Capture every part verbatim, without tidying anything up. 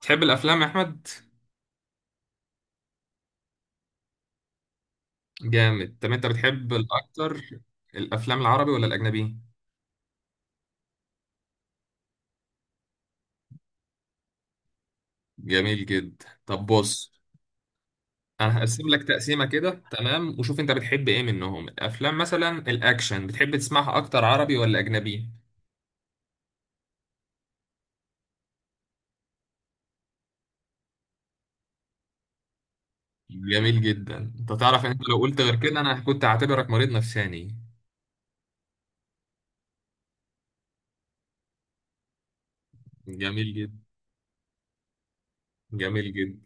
تحب الافلام يا احمد؟ جامد. طب انت بتحب الاكتر الافلام العربي ولا الاجنبي؟ جميل جدا. طب بص، انا هقسم لك تقسيمه كده، تمام؟ وشوف انت بتحب ايه منهم. الافلام مثلا الاكشن بتحب تسمعها اكتر عربي ولا اجنبي؟ جميل جدا. انت تعرف ان انت لو قلت غير كده انا كنت هعتبرك مريض نفساني. جميل جدا، جميل جدا.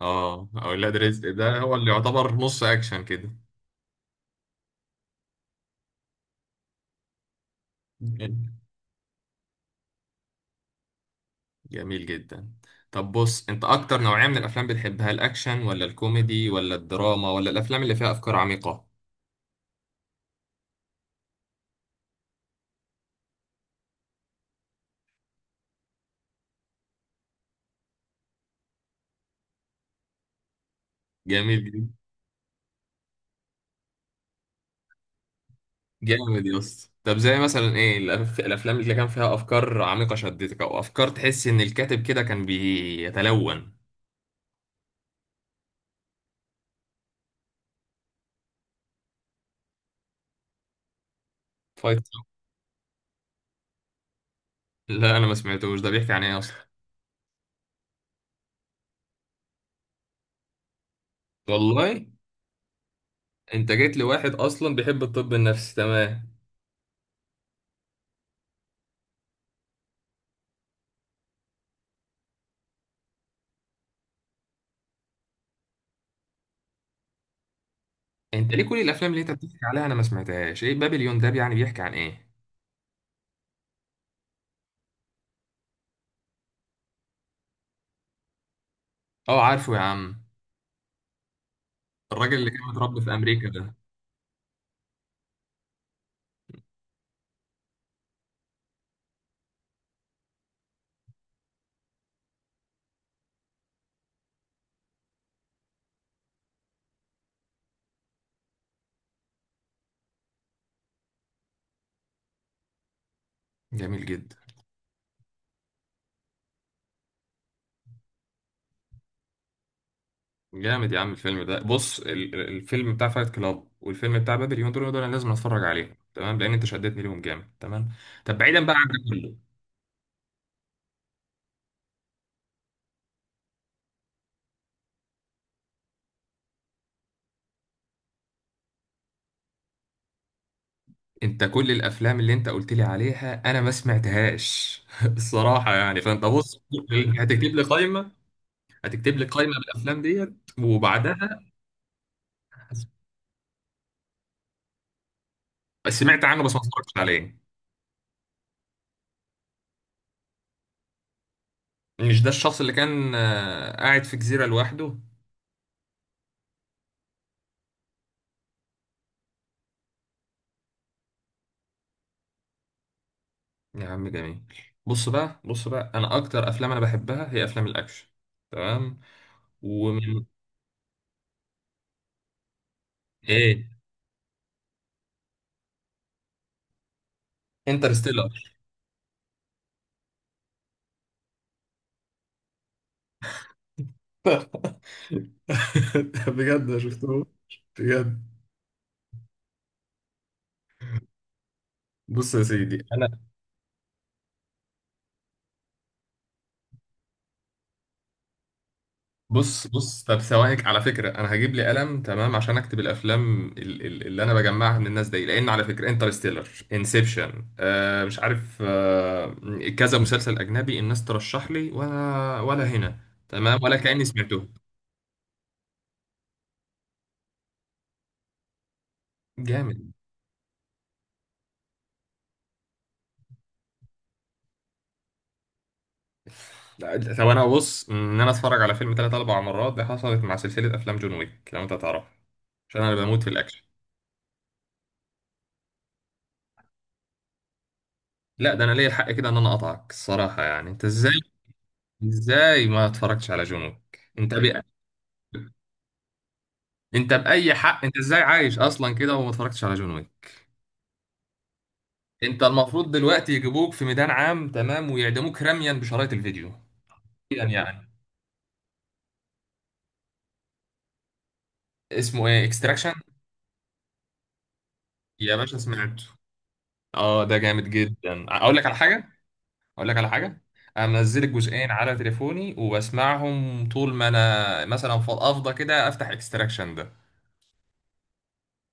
اه، اولاد رزق ده هو اللي يعتبر نص اكشن. كده؟ جميل جدا. طب بص، انت اكتر نوعية من الافلام بتحبها الاكشن ولا الكوميدي ولا الدراما ولا الافلام اللي فيها افكار عميقة؟ جميل جدا. جامد يا اسطى. طب زي مثلا ايه الأف- الافلام اللي كان فيها افكار عميقة شدتك، او افكار تحس ان الكاتب كده كان بيتلون؟ فايت سو- لا، انا ما سمعتوش. ده بيحكي عن ايه اصلا؟ والله؟ انت جيت لواحد اصلا بيحب الطب النفسي، تمام. انت ليه كل الافلام اللي انت بتحكي عليها انا ما سمعتهاش؟ ايه بابليون ده يعني؟ بيحكي عن ايه؟ اه عارفه يا عم. الراجل اللي كان متربي في امريكا ده؟ جميل جدا. جامد يا عم. الفيلم ده، بص، ال- ال- الفيلم بتاع فايت كلاب والفيلم بتاع بابليون، دول دول انا لازم اتفرج عليهم، تمام، لان انت شدتني ليهم جامد، تمام. طب بعيدا بقى عن ده كله، انت كل الافلام اللي انت قلت لي عليها انا ما سمعتهاش الصراحه، يعني فانت بص هتكتب لي قائمه، هتكتب لي قائمه بالافلام ديت. وبعدها؟ سمعت عنه بس ما اتفرجتش عليه. مش ده الشخص اللي كان آه، قاعد في جزيره لوحده؟ يا عم جميل. بص بقى، بص بقى، انا اكتر افلام انا بحبها هي افلام الاكشن، تمام؟ ومن ايه؟ انترستيلر؟ بجد ما شفتوش. بجد. بص يا سيدي انا. بص بص، طب ثواني، على فكره انا هجيب لي قلم تمام عشان اكتب الافلام ال- ال- اللي انا بجمعها من الناس دي، لان على فكره انترستيلر، انسبشن، آه مش عارف، آه كذا مسلسل اجنبي الناس ترشح لي، ولا ولا هنا تمام، ولا كاني سمعته. جامد. لا، طب انا بص، ان انا اتفرج على فيلم ثلاث اربع مرات دي حصلت مع سلسله افلام جون ويك لو انت تعرف، عشان انا بموت في الاكشن. لا، ده انا ليا الحق كده ان انا اقطعك، الصراحه يعني انت ازاي؟ ازاي ما اتفرجتش على جون ويك؟ انت بي... انت باي حق؟ انت ازاي عايش اصلا كده وما اتفرجتش على جون ويك؟ انت المفروض دلوقتي يجيبوك في ميدان عام، تمام، ويعدموك رميا بشرايط الفيديو. يعني يعني اسمه ايه؟ اكستراكشن؟ يا باشا سمعته. اه ده جامد جدا. اقول لك على حاجه، اقول لك على حاجه، انا منزل الجزئين على تليفوني وبسمعهم طول ما انا، مثلا فضفضه كده، افتح اكستراكشن ده،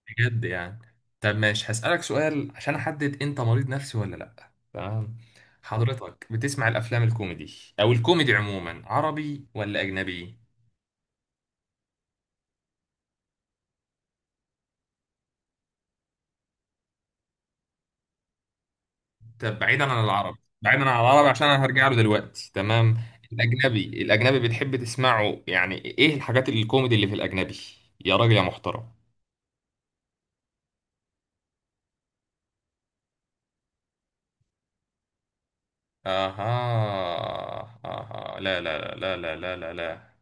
بجد يعني. طب ماشي، هسالك سؤال عشان احدد انت مريض نفسي ولا لا، تمام؟ حضرتك بتسمع الافلام الكوميدي او الكوميدي عموما عربي ولا اجنبي؟ طب بعيدا عن العربي، بعيدا عن العربي عشان انا هرجع له دلوقتي، تمام؟ الاجنبي، الاجنبي بتحب تسمعه، يعني ايه الحاجات الكوميدي اللي في الاجنبي؟ يا راجل يا محترم. اها اها، لا لا لا لا لا لا لا،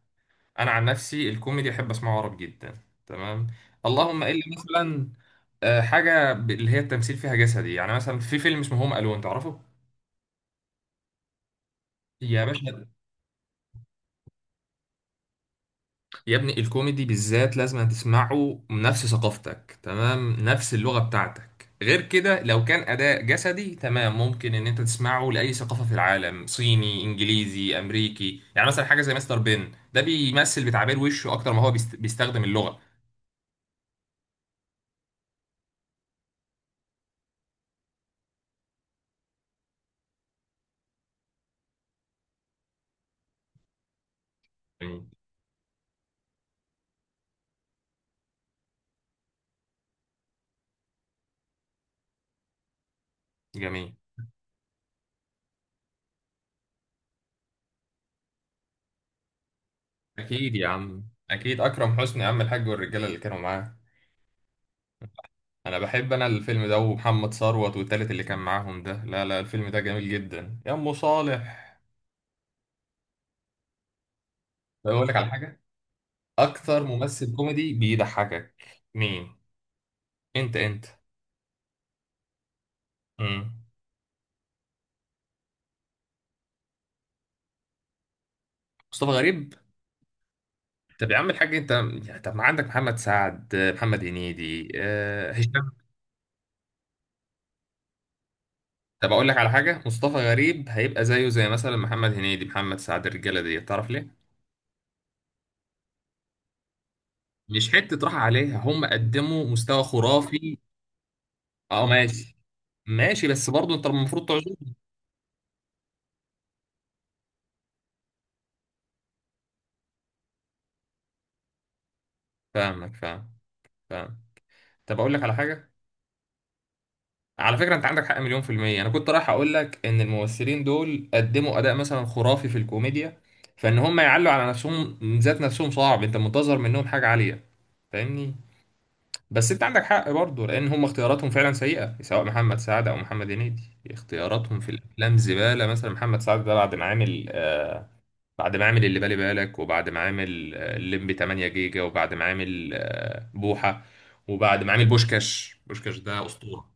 انا عن نفسي الكوميدي احب اسمعه عربي جدا، تمام؟ اللهم الا مثلا آه، حاجه ب- اللي هي التمثيل فيها جسدي، يعني مثلا في فيلم اسمه هوم الون، تعرفه؟ يا باشا، يا ابني، الكوميدي بالذات لازم تسمعه نفس ثقافتك، تمام، نفس اللغة بتاعتك. غير كده، لو كان أداء جسدي، تمام، ممكن إن أنت تسمعه لأي ثقافة في العالم، صيني، إنجليزي، أمريكي. يعني مثلا حاجة زي مستر بين ده بيمثل بتعبير وشه أكتر ما هو بيست- بيستخدم اللغة. جميل، جميل. أكيد يا عم، أكيد. أكرم حسني يا عم الحاج والرجالة اللي كانوا معاه. أنا بحب أنا الفيلم ده، ومحمد ثروت والتالت اللي كان معاهم ده. لا لا، الفيلم ده جميل جدا يا أم صالح. بقول لك على حاجة، اكتر ممثل كوميدي بيضحكك؟ مين؟ انت، انت. مم. مصطفى غريب. طب يا عم الحاج، انت يعني، طب ما عندك محمد سعد، محمد هنيدي، أه... هشام. طب اقول لك على حاجه، مصطفى غريب هيبقى زيه زي مثلا محمد هنيدي، محمد سعد، الرجاله دي، تعرف ليه؟ مش حته راحه عليها، هم قدموا مستوى خرافي. اه ماشي، ماشي، بس برضه انت المفروض تعجبني. فاهمك، فاهم، فاهم. طب اقول لك على حاجه، على فكرة انت عندك حق مليون في المية. انا كنت رايح اقول لك ان الممثلين دول قدموا اداء مثلا خرافي في الكوميديا، فان هم يعلوا على نفسهم ذات نفسهم صعب، انت منتظر منهم حاجة عالية، فاهمني؟ بس انت عندك حق برضه، لان هم اختياراتهم فعلا سيئة، سواء محمد سعد او محمد هنيدي، اختياراتهم في الافلام زبالة. مثلا محمد سعد ده، بعد ما عامل آه، بعد ما عامل اللي بالي بالك، وبعد ما عامل آه، الليمبي تمانية جيجا، وبعد ما عامل آه بوحة، وبعد ما عامل بوشكاش، بوشكاش ده اسطورة.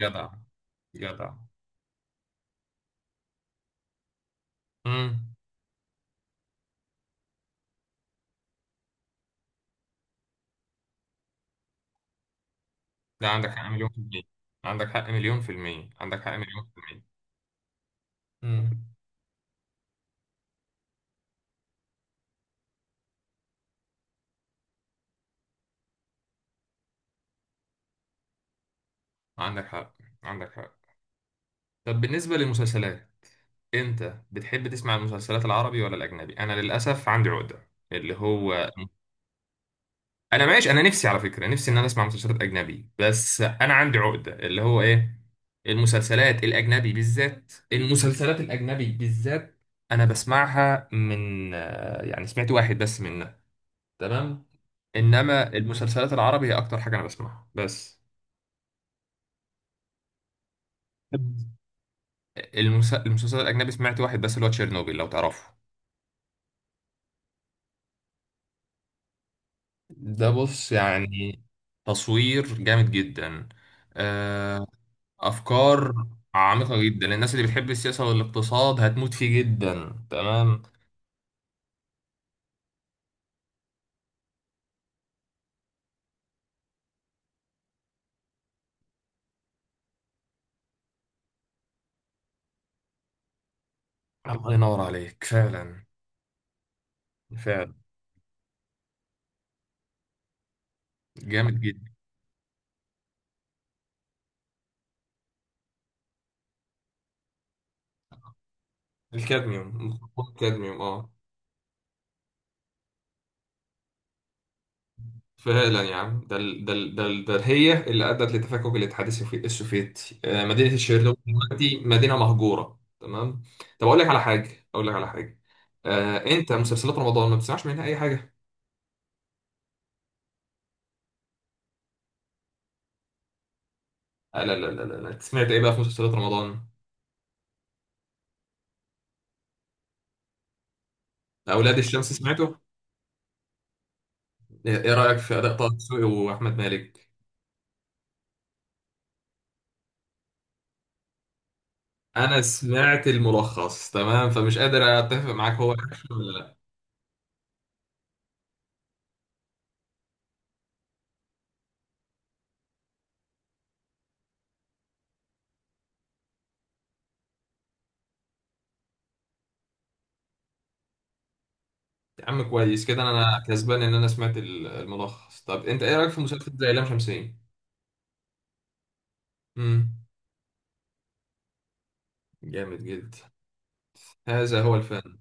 جدع، جدع. امم. لا، عندك حق مليون في المية، عندك حق مليون في المية، عندك حق مليون في المية. امم. عندك حق، عندك حق. طب بالنسبة للمسلسلات، انت بتحب تسمع المسلسلات العربي ولا الأجنبي؟ أنا للأسف عندي عقدة اللي هو، أنا ماشي، أنا نفسي على فكرة، نفسي إن أنا أسمع مسلسلات أجنبي، بس أنا عندي عقدة اللي هو إيه؟ المسلسلات الأجنبي بالذات، المسلسلات الأجنبي بالذات أنا بسمعها من آه، يعني سمعت واحد بس منها، تمام. انما المسلسلات العربي هي اكتر حاجه انا بسمعها بس. المس- المسلسل الاجنبي سمعت واحد بس، اللي هو تشيرنوبيل، لو تعرفه. ده بص يعني تصوير جامد جدا، آه، افكار عميقه جدا. الناس اللي بتحب السياسه والاقتصاد هتموت فيه جدا، تمام. الله ينور عليك فعلا. فعلا. جامد جدا. الكادميوم، مخدرات الكادميوم اه. فعلا يا عم. ده ال- ده ال- ده ال- ده هي اللي ادت لتفكك الاتحاد السوفي- السوفيتي. آه، مدينه الشيرنوبل دلوقتي مدينه مهجوره، تمام. طب اقول لك على حاجه، اقول لك على حاجه، آه، انت مسلسلات رمضان ما بتسمعش منها اي حاجه؟ آه، لا لا لا لا لا، أنت سمعت ايه بقى في مسلسلات رمضان؟ اولاد الشمس سمعته؟ ايه إيه رايك في اداء طه دسوقي واحمد مالك؟ انا سمعت الملخص، تمام، فمش قادر اتفق معاك، هو اكشن ولا لا؟ يا عم كويس كده، انا أنا كسبان ان انا سمعت ال- الملخص. طب انت ايه رايك في مسلسل زي لام شمسية؟ مم. جامد جدا. هذا هو الفن.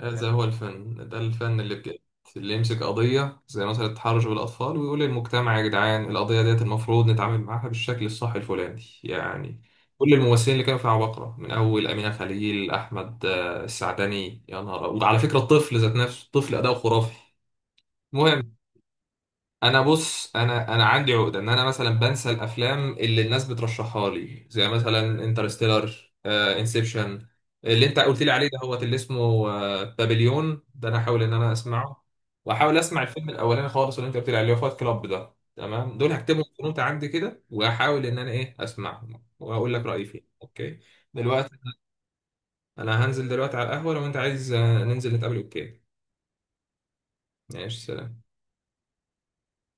هذا هو الفن، ده الفن اللي بجد، اللي يمسك قضية زي مثلا التحرش بالأطفال ويقول للمجتمع يا جدعان، القضية ديت المفروض نتعامل معاها بالشكل الصح الفلاني يعني. كل الممثلين اللي كانوا في عبقرة، من أول أمينة خليل، أحمد آه، السعدني، يا نهار أبيض. وعلى فكرة الطفل ذات نفسه، الطفل أداؤه خرافي. المهم، انا بص، انا انا عندي عقده ان انا مثلا بنسى الافلام اللي الناس بترشحها لي، زي مثلا انترستيلر، انسبشن اللي انت قلت لي عليه ده، هو اللي اسمه آه، بابليون ده انا احاول ان انا اسمعه، واحاول اسمع الفيلم الاولاني خالص اللي انت قلت لي عليه، فايت كلاب ده، تمام، دول هكتبهم في نوت عندي كده، واحاول ان انا ايه اسمعهم واقول لك رايي فيه، اوكي؟ دلوقتي انا هنزل دلوقتي على القهوه، لو انت عايز آه، ننزل نتقابل، اوكي؟ ماشي.